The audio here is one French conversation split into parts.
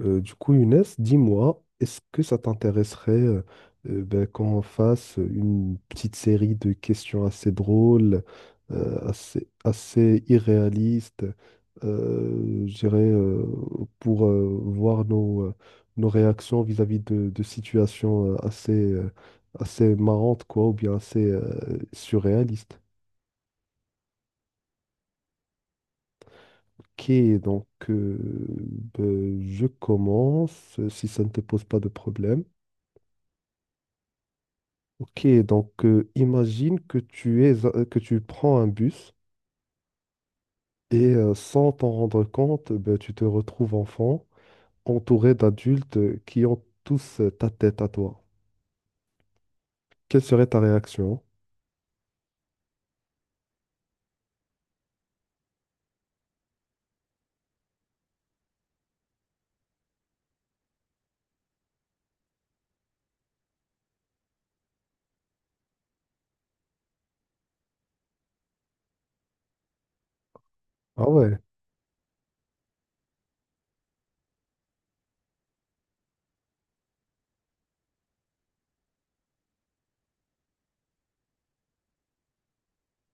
Du coup, Younes, dis-moi, est-ce que ça t'intéresserait qu'on fasse une petite série de questions assez drôles, assez irréalistes, je dirais, pour voir nos, nos réactions vis-à-vis de situations assez, assez marrantes, quoi, ou bien assez surréalistes. Ok, donc je commence, si ça ne te pose pas de problème. Ok, donc imagine que tu es, que tu prends un bus et sans t'en rendre compte, ben, tu te retrouves enfant, entouré d'adultes qui ont tous ta tête à toi. Quelle serait ta réaction? Ah ouais.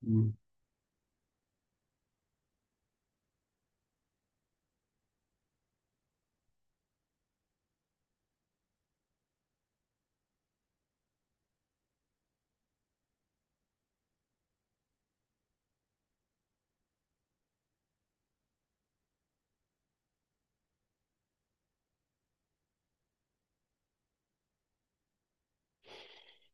Mm.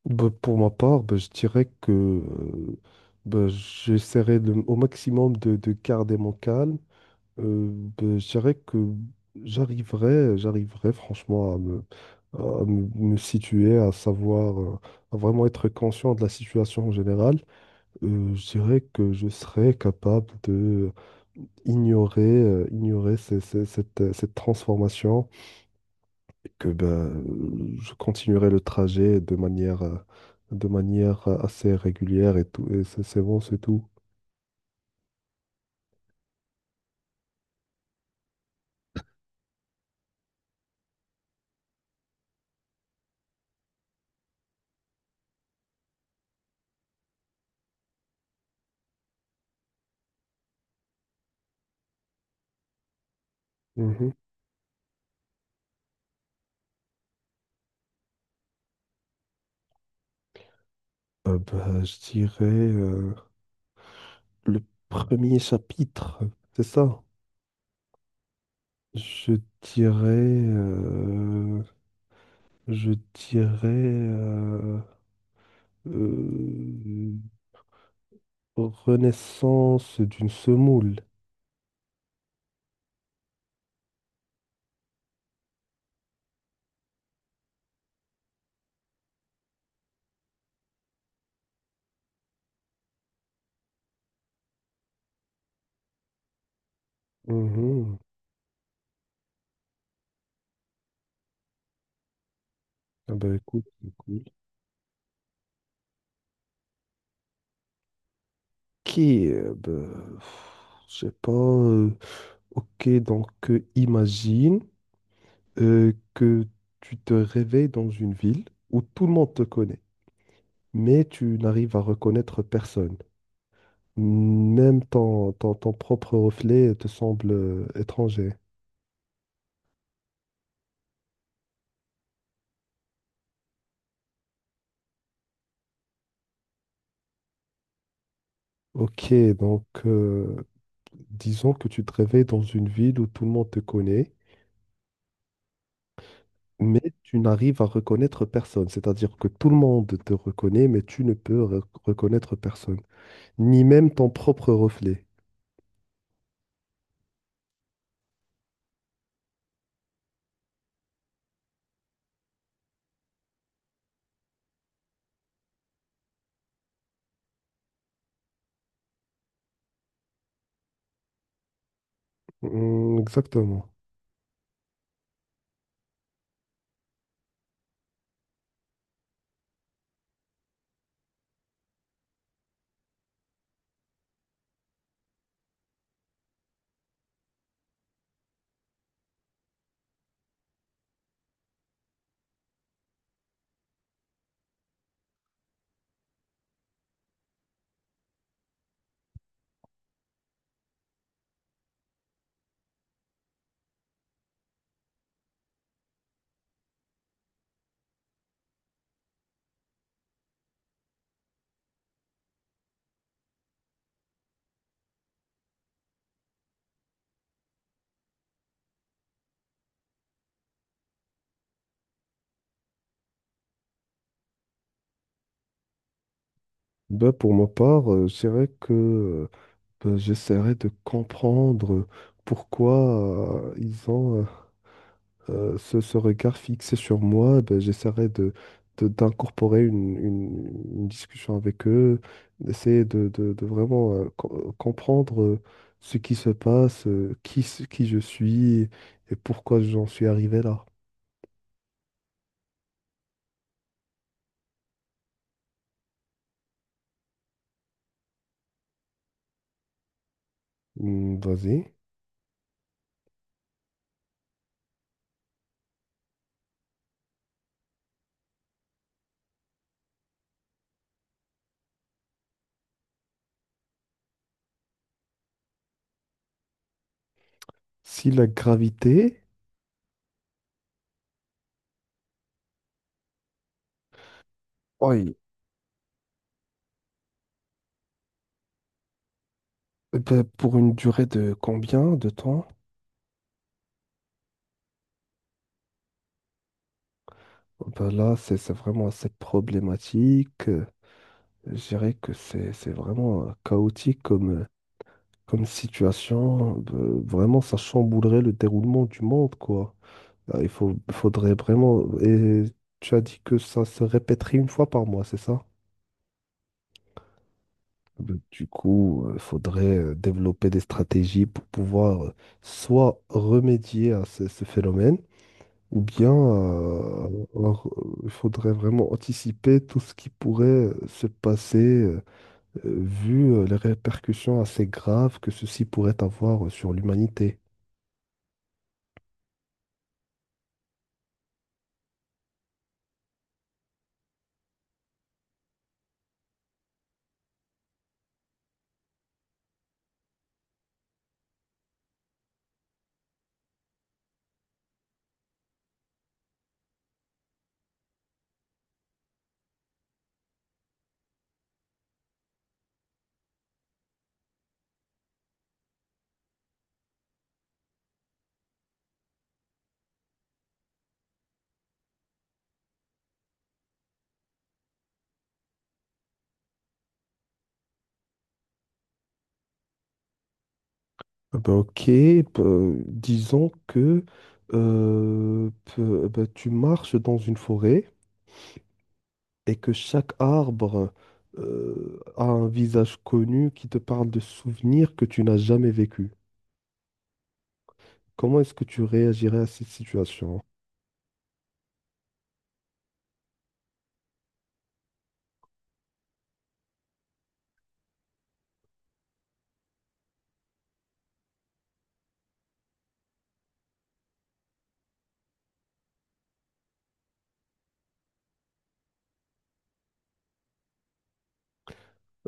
Ben, pour ma part, ben, je dirais que ben, j'essaierai de- au maximum de garder mon calme. Ben, je dirais que j'arriverais franchement à me, à me situer, à savoir, à vraiment être conscient de la situation en général. Je dirais que je serais capable de ignorer, ignorer cette, cette transformation et que ben, je continuerai le trajet de manière assez régulière et tout. Et c'est bon, c'est tout. Mhm. Ben, je dirais. Le premier chapitre, c'est ça. Je dirais, je dirais euh, euh, Renaissance d'une semoule. Mhm. Ah bah écoute, c'est cool. Ok, bah, pff, je sais pas. Ok, donc imagine que tu te réveilles dans une ville où tout le monde te connaît, mais tu n'arrives à reconnaître personne. Même ton propre reflet te semble étranger. Ok, donc disons que tu te réveilles dans une ville où tout le monde te connaît, mais tu n'arrives à reconnaître personne. C'est-à-dire que tout le monde te reconnaît, mais tu ne peux reconnaître personne, ni même ton propre reflet. Hmm, exactement. Ben, pour ma part, je dirais que ben, j'essaierai de comprendre pourquoi ils ont ce regard fixé sur moi, ben, j'essaierai de, d'incorporer une discussion avec eux, d'essayer de, de vraiment comprendre ce qui se passe, qui, qui je suis et pourquoi j'en suis arrivé là. Hmm, vas-y. Si la gravité, oui, eh ben, pour une durée de combien de temps? Oh, ben là, c'est vraiment assez problématique. Je dirais que c'est vraiment chaotique comme situation, vraiment, ça chamboulerait le déroulement du monde, quoi. Ah, faudrait vraiment. Et tu as dit que ça se répéterait une fois par mois, c'est ça? Ben, du coup, il faudrait développer des stratégies pour pouvoir soit remédier à ce phénomène, ou bien alors, il faudrait vraiment anticiper tout ce qui pourrait se passer vu les répercussions assez graves que ceci pourrait avoir sur l'humanité. Ah bah, ok, bah, disons que bah, tu marches dans une forêt et que chaque arbre a un visage connu qui te parle de souvenirs que tu n'as jamais vécu. Comment est-ce que tu réagirais à cette situation?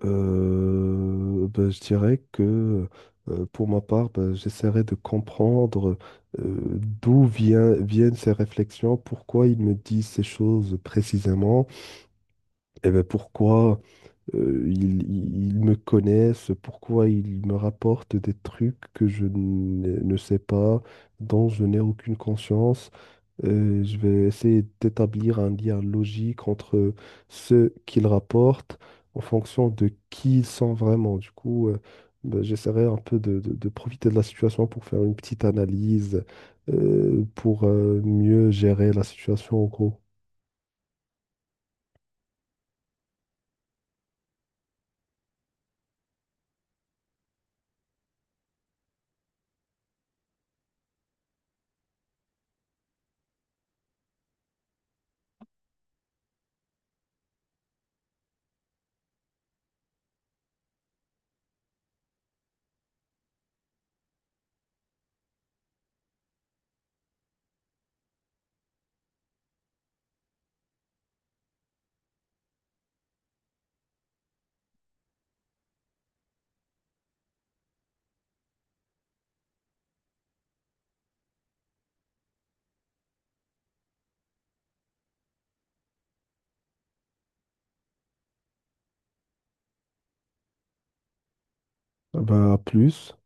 Bah, je dirais que pour ma part, bah, j'essaierais de comprendre euh, viennent ces réflexions, pourquoi ils me disent ces choses précisément, et ben pourquoi. Ils me connaissent, pourquoi ils me rapportent des trucs que je ne sais pas, dont je n'ai aucune conscience. Je vais essayer d'établir un lien logique entre ce qu'ils rapportent en fonction de qui ils sont vraiment. Du coup, ben, j'essaierai un peu de, de profiter de la situation pour faire une petite analyse, pour mieux gérer la situation en gros. Ben, à plus.